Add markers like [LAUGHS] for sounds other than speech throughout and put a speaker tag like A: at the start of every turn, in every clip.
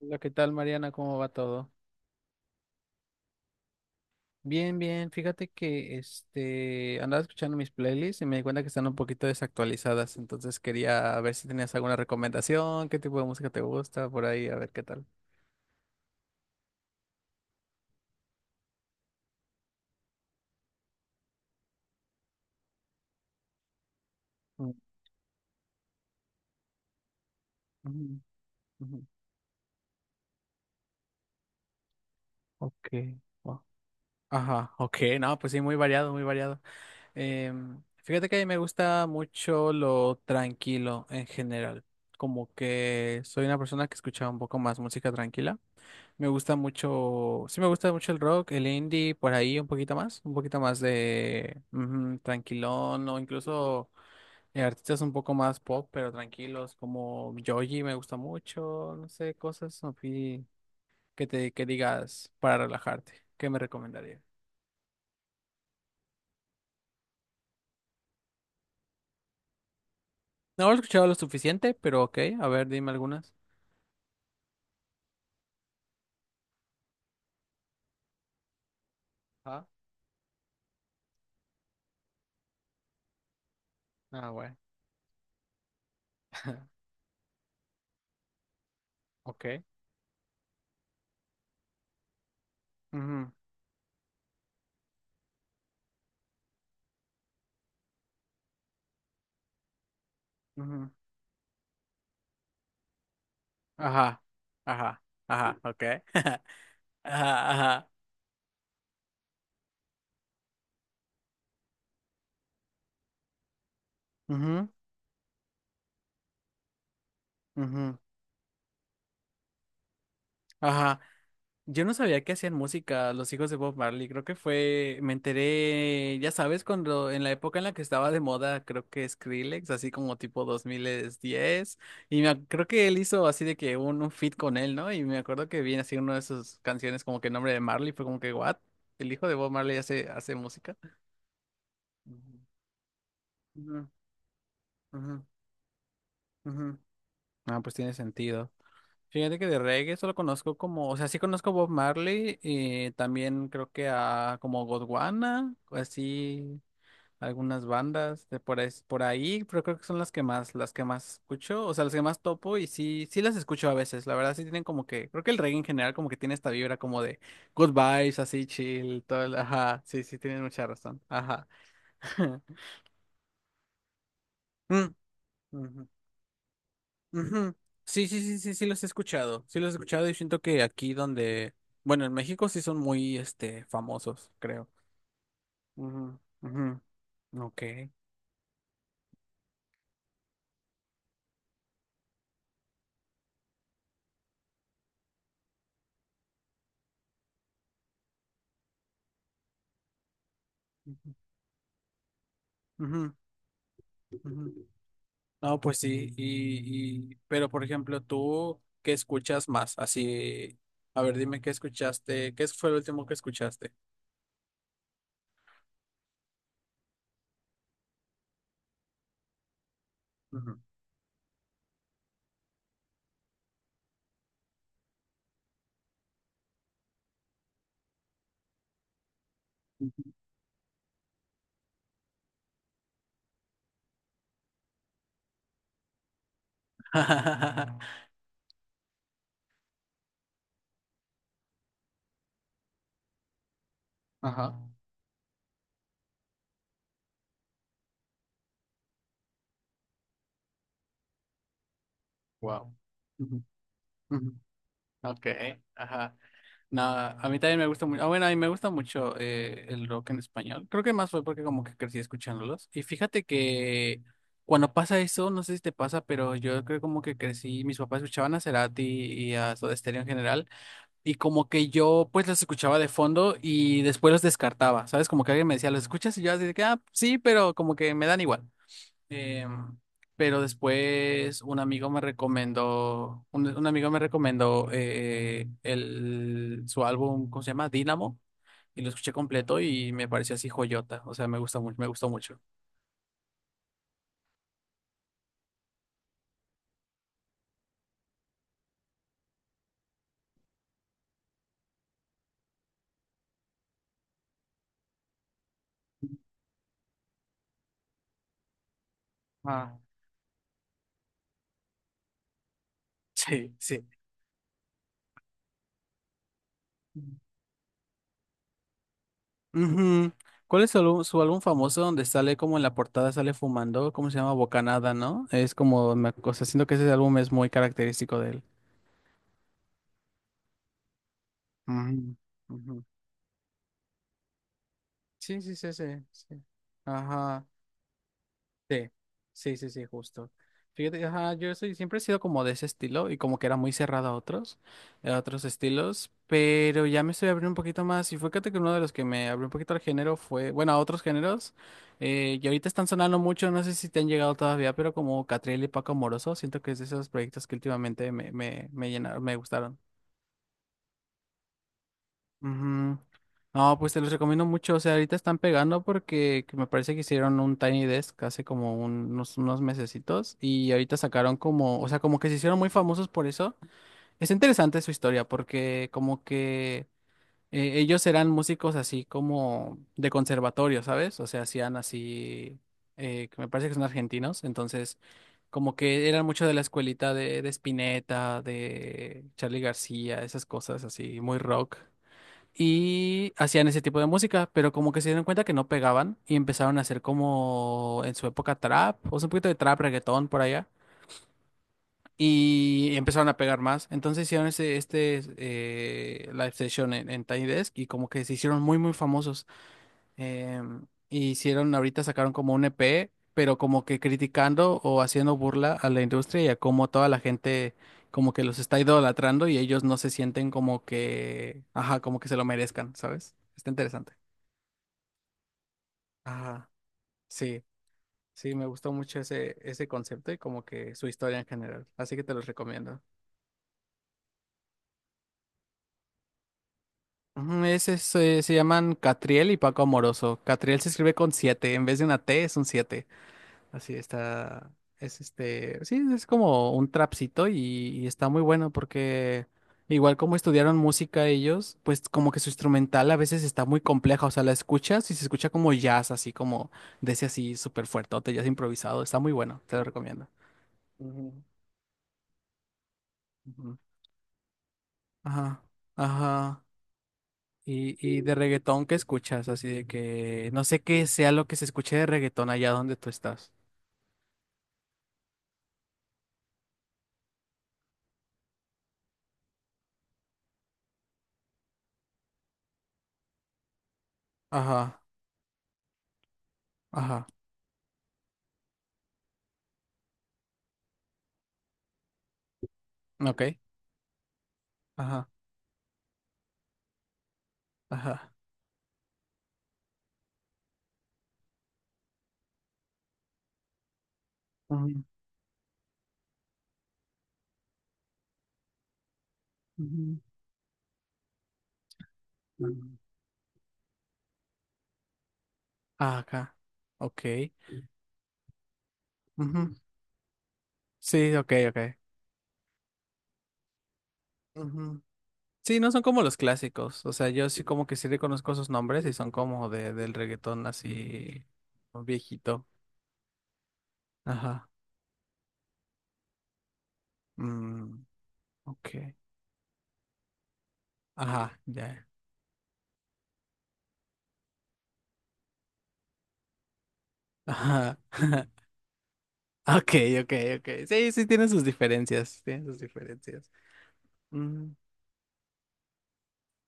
A: Hola, ¿qué tal, Mariana? ¿Cómo va todo? Bien, bien. Fíjate que andaba escuchando mis playlists y me di cuenta que están un poquito desactualizadas, entonces quería ver si tenías alguna recomendación, qué tipo de música te gusta por ahí, a ver qué tal. Mm, ujú, ujú. Ok. wa- Ajá, ok, no, pues sí, muy variado, muy variado. Fíjate que a mí me gusta mucho lo tranquilo en general, como que soy una persona que escucha un poco más música tranquila. Me gusta mucho, sí me gusta mucho el rock, el indie, por ahí un poquito más de ujú, tranquilón o incluso artistas un poco más pop, pero tranquilos, como Joji me gusta mucho, no sé, cosas así que te que digas para relajarte. ¿Qué me recomendaría? No lo he escuchado lo suficiente, pero ok, a ver, dime algunas. Ah, ah, bueno. [LAUGHS] Ok. Ujú, ujú. Ajá, ajá, ajá, ok. [LAUGHS] Ajá, ajá. Ujú, ujú. Ajá. Yo no sabía que hacían música los hijos de Bob Marley. Creo que fue, me enteré, ya sabes, cuando en la época en la que estaba de moda, creo que Skrillex, así como tipo 2010. Y creo que él hizo así de que un feat con él, ¿no? Y me acuerdo que vi así una de sus canciones como que el nombre de Marley fue como que, ¿what? El hijo de Bob Marley hace, hace música. Ujú, ujú, ujú. Ah, pues tiene sentido. Fíjate que de reggae solo conozco como, o sea, sí conozco Bob Marley y también creo que a como Godwana, o así algunas bandas de por ahí, pero creo que son las que más escucho, o sea, las que más topo y sí, sí las escucho a veces, la verdad sí tienen como que, creo que el reggae en general como que tiene esta vibra como de good vibes, así chill, todo, ajá, sí, sí, tienes mucha razón, ajá. [LAUGHS] Mm, ujú. Ujú. Sí, sí, sí, sí, sí los he escuchado. Sí los he escuchado y siento que aquí donde, bueno, en México sí son muy, famosos, creo. Ujú, ujú. Ok. Ujú, ujú. No, pues sí, pero por ejemplo, tú, ¿qué escuchas más? Así, a ver, dime qué escuchaste, ¿qué fue lo último que escuchaste? Ujú. [LAUGHS] Ajá, wow. Ok, ajá. No, a mí también me gusta mucho. Ah, bueno, a mí me gusta mucho el rock en español. Creo que más fue porque como que crecí escuchándolos. Y fíjate que cuando pasa eso, no sé si te pasa, pero yo creo como que crecí, mis papás escuchaban a Cerati y a Soda Stereo en general. Y como que yo pues los escuchaba de fondo y después los descartaba, ¿sabes? Como que alguien me decía, ¿los escuchas? Y yo así de que, ah, sí, pero como que me dan igual. Eh, pero después un amigo me recomendó, un amigo me recomendó su álbum, ¿cómo se llama? Dynamo, y lo escuché completo y me pareció así joyota, o sea, me gusta mucho, me gustó mucho. Ah. [LAUGHS] Sí, sí. Ujú. ¿Cuál es su álbum famoso donde sale como en la portada sale fumando? ¿Cómo se llama? Bocanada, ¿no? Es como, me, o sea, siento que ese álbum es muy característico de él. Ujú, ujú. Sí, sí, sí, sí, sí. Ajá. Sí, sí, sí, sí, justo. Fíjate, ajá, yo soy, siempre he sido como de ese estilo y como que era muy cerrado a otros estilos, pero ya me estoy abriendo un poquito más y fíjate que uno de los que me abrió un poquito al género fue, bueno, a otros géneros, y ahorita están sonando mucho, no sé si te han llegado todavía, pero como Catriel y Paco Moroso, siento que es de esos proyectos que últimamente me llenaron, me gustaron. Ujú. No, pues te los recomiendo mucho. O sea, ahorita están pegando porque que me parece que hicieron un Tiny Desk hace como unos mesecitos y ahorita sacaron como, o sea, como que se hicieron muy famosos por eso. Es interesante su historia porque como que ellos eran músicos así como de conservatorio, ¿sabes? O sea, hacían así, que me parece que son argentinos, entonces como que eran mucho de la escuelita de Spinetta, de Charly García, esas cosas así, muy rock y hacían ese tipo de música, pero como que se dieron cuenta que no pegaban y empezaron a hacer como en su época trap, o sea, un poquito de trap, reggaetón por allá, y empezaron a pegar más. Entonces hicieron ese, este live session en Tiny Desk y como que se hicieron muy, muy famosos. Hicieron, ahorita sacaron como un EP, pero como que criticando o haciendo burla a la industria y a cómo toda la gente como que los está idolatrando y ellos no se sienten como que, ajá, como que se lo merezcan, ¿sabes? Está interesante. Ajá, sí, sí, me gustó mucho ese, ese concepto y como que su historia en general, así que te los recomiendo. Ujú, ese es, se llaman Catriel y Paco Amoroso. Catriel se escribe con siete, en vez de una T es un siete. Así está. Es este. Sí, es como un trapcito y está muy bueno porque igual como estudiaron música ellos, pues como que su instrumental a veces está muy compleja. O sea, la escuchas y se escucha como jazz, así como de ese así súper fuertote, jazz improvisado. Está muy bueno, te lo recomiendo. Ujú, ujú. Ajá, ajá. Y de Sí. reggaetón, ¿qué escuchas? Así de que no sé qué sea lo que se escuche de reggaetón allá donde tú estás. Ajá, ajá. Ok. Ajá, ajá. Ujú. Mm. Ah, acá. Ok. Ujú. Sí, ok, ok. Ujú. Sí, no son como los clásicos. O sea, yo sí como que sí reconozco sus nombres y son como de, del reggaetón así viejito. Ajá. Mm, ok. Ajá, ya. Ajá. [LAUGHS] Ok, ok, ok. Sí, sí tienen sus diferencias. Tienen sus diferencias. Mm,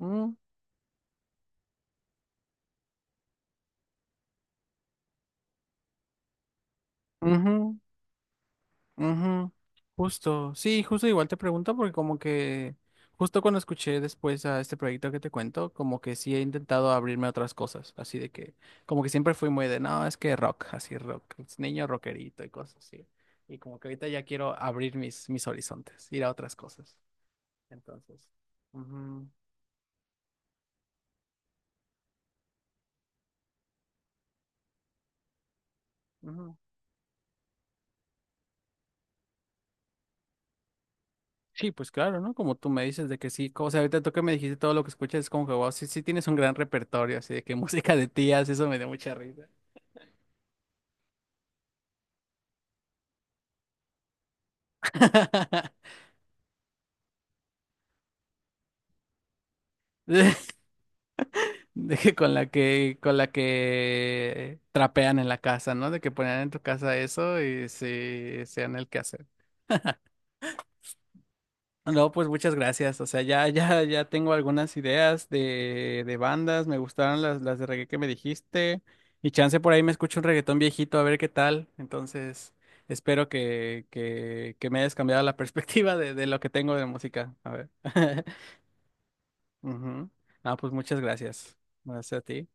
A: mm, ujú. Ujú, justo, sí, justo igual te pregunto porque como que justo cuando escuché después a este proyecto que te cuento, como que sí he intentado abrirme a otras cosas, así de que como que siempre fui muy de, no, es que rock, así rock, es niño rockerito y cosas así. Y como que ahorita ya quiero abrir mis, mis horizontes, ir a otras cosas. Entonces, ujú, ujú. Sí, pues claro, ¿no? Como tú me dices de que sí, o sea, ahorita tú que me dijiste todo lo que escuchas, es como que, wow, sí, sí tienes un gran repertorio, así de que [LAUGHS] música de tías, eso me dio mucha risa. [LAUGHS] [LAUGHS] De que con la que, con la que trapean en la casa, ¿no? De que ponían en tu casa eso y sí, sean el que hacer. No, pues muchas gracias. O sea, ya, ya, ya tengo algunas ideas de bandas. Me gustaron las de reggae que me dijiste. Y chance por ahí me escucho un reggaetón viejito a ver qué tal. Entonces, espero que me hayas cambiado la [LAUGHS] perspectiva de lo que tengo de música. A ver. [LAUGHS] Ujú. Ah, pues muchas gracias. Gracias a ti.